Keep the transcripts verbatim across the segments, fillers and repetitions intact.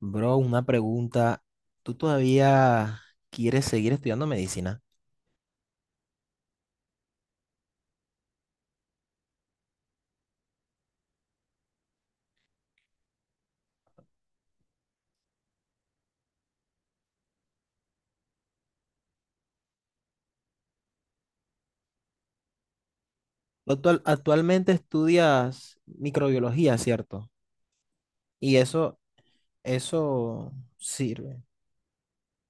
Bro, una pregunta. ¿Tú todavía quieres seguir estudiando medicina? Tú actual- actualmente estudias microbiología, ¿cierto? Y eso, eso sirve.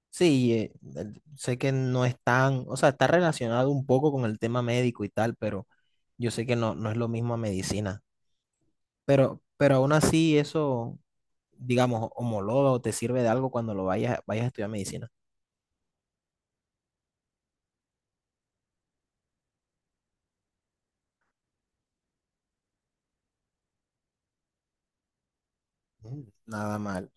Sí, eh, el- sé que no es tan, o sea, está relacionado un poco con el tema médico y tal, pero yo sé que no, no es lo mismo a medicina. Pero, pero aún así eso, digamos, homologa o te sirve de algo cuando lo vayas, vayas a estudiar medicina. Mm, nada mal.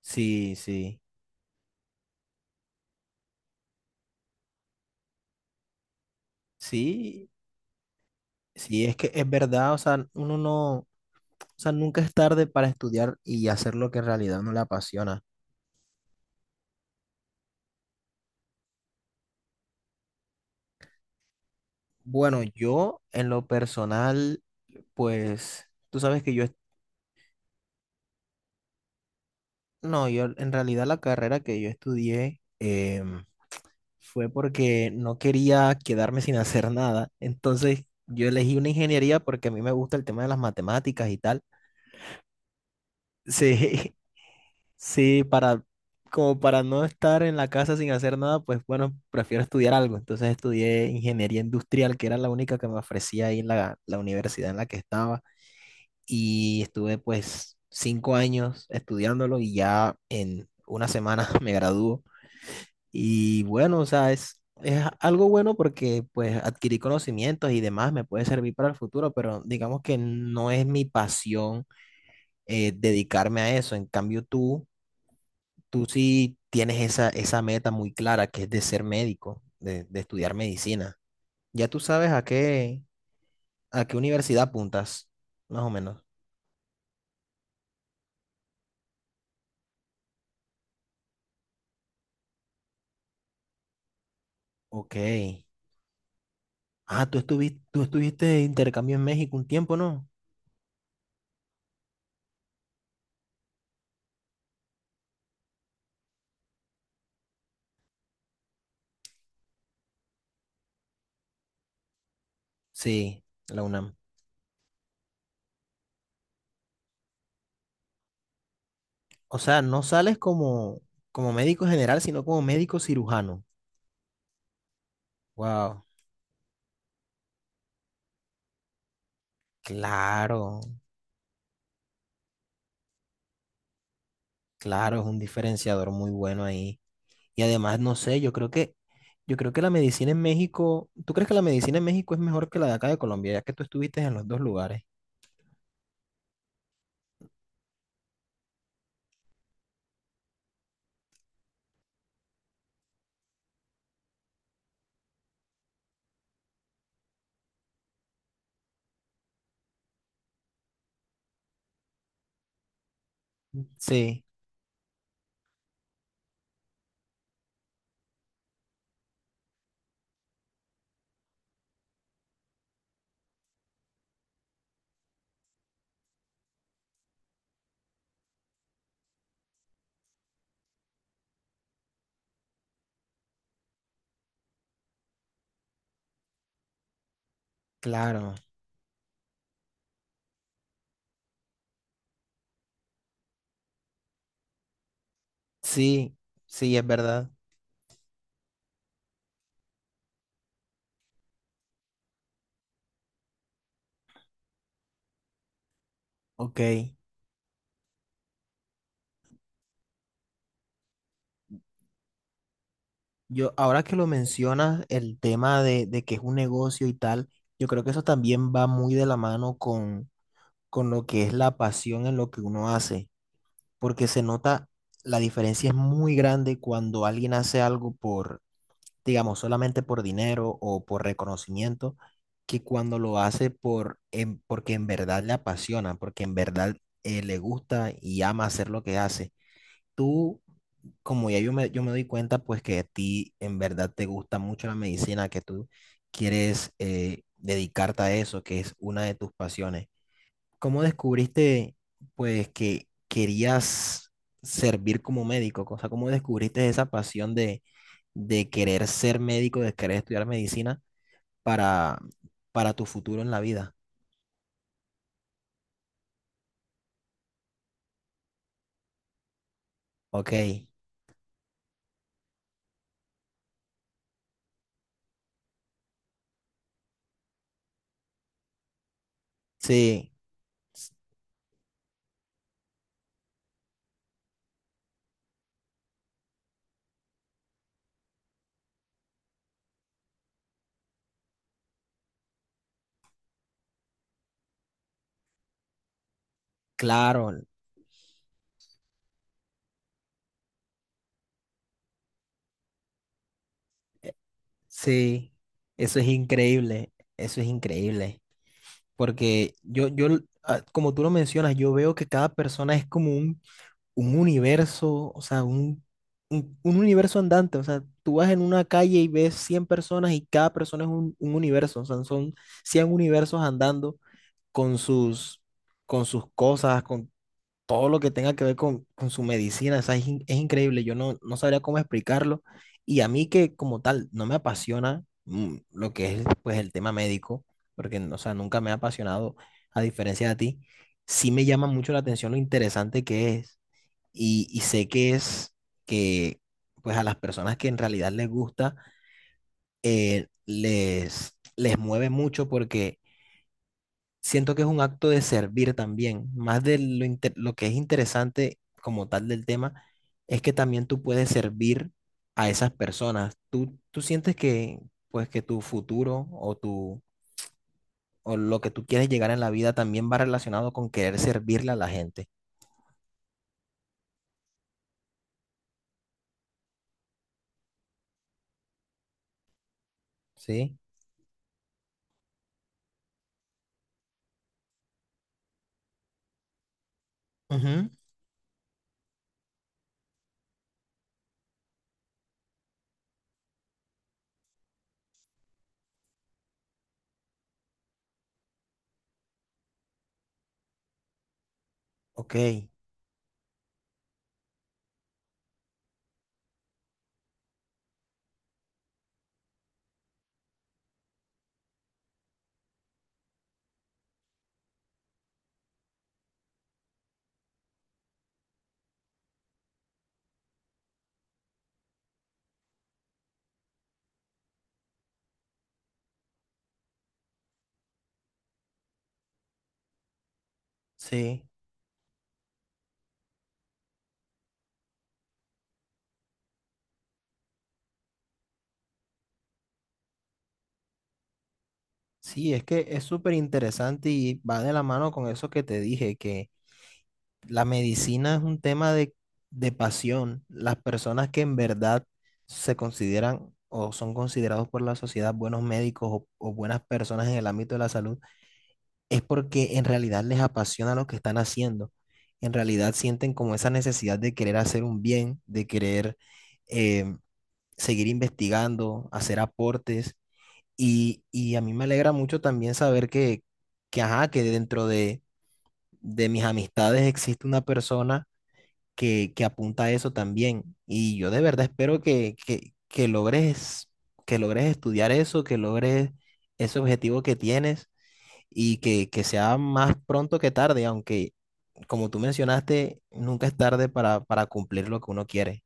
Sí, sí. Sí, sí, es que es verdad, o sea, uno no, o sea, nunca es tarde para estudiar y hacer lo que en realidad no le apasiona. Bueno, yo en lo personal, pues, tú sabes que yo, est- no, yo en realidad la carrera que yo estudié em, fue porque no quería quedarme sin hacer nada. Entonces, yo elegí una ingeniería porque a mí me gusta el tema de las matemáticas y tal. Sí, Sí, para, como para no estar en la casa sin hacer nada, pues bueno, prefiero estudiar algo. Entonces estudié ingeniería industrial, que era la única que me ofrecía ahí en la, la universidad en la que estaba. Y estuve pues cinco años estudiándolo y ya en una semana me graduó. Y bueno, o sea, es, es algo bueno porque pues adquirí conocimientos y demás, me puede servir para el futuro, pero digamos que no es mi pasión eh, dedicarme a eso. En cambio, tú tú sí tienes esa, esa meta muy clara que es de ser médico, de, de estudiar medicina. Ya tú sabes a qué, a qué universidad apuntas, más o menos. Ok. Ah, tú estuviste, tú estuviste de intercambio en México un tiempo, ¿no? Sí, la unam. O sea, no sales como, como médico general, sino como médico cirujano. Wow. Claro, claro, es un diferenciador muy bueno ahí. Y además, no sé, yo creo que, yo creo que la medicina en México, ¿tú crees que la medicina en México es mejor que la de acá de Colombia, ya que tú estuviste en los dos lugares? Sí, claro. Sí, sí, es verdad. Ok. Yo, ahora que lo mencionas, el tema de, de que es un negocio y tal, yo creo que eso también va muy de la mano con, con lo que es la pasión en lo que uno hace, porque se nota, la diferencia es muy grande cuando alguien hace algo por digamos, solamente por dinero o por reconocimiento, que cuando lo hace por, en- porque en verdad le apasiona, porque en verdad eh, le gusta y ama hacer lo que hace. Tú, como ya yo me, yo me doy cuenta, pues que a ti en verdad te gusta mucho la medicina, que tú quieres eh, dedicarte a eso, que es una de tus pasiones. ¿Cómo descubriste, pues, que querías servir como médico? O sea, ¿cómo descubriste esa pasión de, de querer ser médico, de querer estudiar medicina para, para tu futuro en la vida? Ok, sí, s- claro, sí, eso es increíble, eso es increíble, porque yo, yo, l- ah, como tú lo mencionas, yo veo que cada persona es como un un universo, o sea, un, un, un universo andante, o sea, tú vas en una calle y ves cien personas y cada persona es un, un universo, o sea, son cien universos andando con sus, con sus cosas, con todo lo que tenga que ver con, con su medicina, o sea, es, in- es increíble, yo no, no sabría cómo explicarlo y a mí que como tal no me apasiona mm, lo que es pues el tema médico, porque, o sea, nunca me ha apasionado a diferencia de ti, sí me llama mucho la atención lo interesante que es y, y sé que es que pues a las personas que en realidad les gusta, eh, les, les mueve mucho porque siento que es un acto de servir también, más de lo, inte- lo que es interesante como tal del tema, es que también tú puedes servir a esas personas. Tú, tú sientes que pues que tu futuro o tu o lo que tú quieres llegar en la vida también va relacionado con querer servirle a la gente, ¿sí? Ujú. Ok, sí. Sí, es que es súper interesante y va de la mano con eso que te dije, que la medicina es un tema de, de pasión. Las personas que en verdad se consideran o son considerados por la sociedad buenos médicos o, o buenas personas en el ámbito de la salud, es porque en realidad les apasiona lo que están haciendo. En realidad sienten como esa necesidad de querer hacer un bien, de querer eh, seguir investigando, hacer aportes. Y, y a mí me alegra mucho también saber que, que, ajá, que dentro de, de mis amistades existe una persona que, que apunta a eso también. Y yo de verdad espero que, que, que logres, que logres estudiar eso, que logres ese objetivo que tienes y que, que sea más pronto que tarde, aunque como tú mencionaste, nunca es tarde para, para cumplir lo que uno quiere.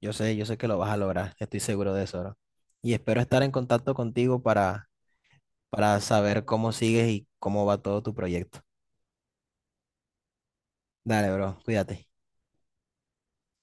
Yo sé, yo sé que lo vas a lograr, estoy seguro de eso, bro. Y espero estar en contacto contigo para para saber cómo sigues y cómo va todo tu proyecto. Dale, bro, cuídate.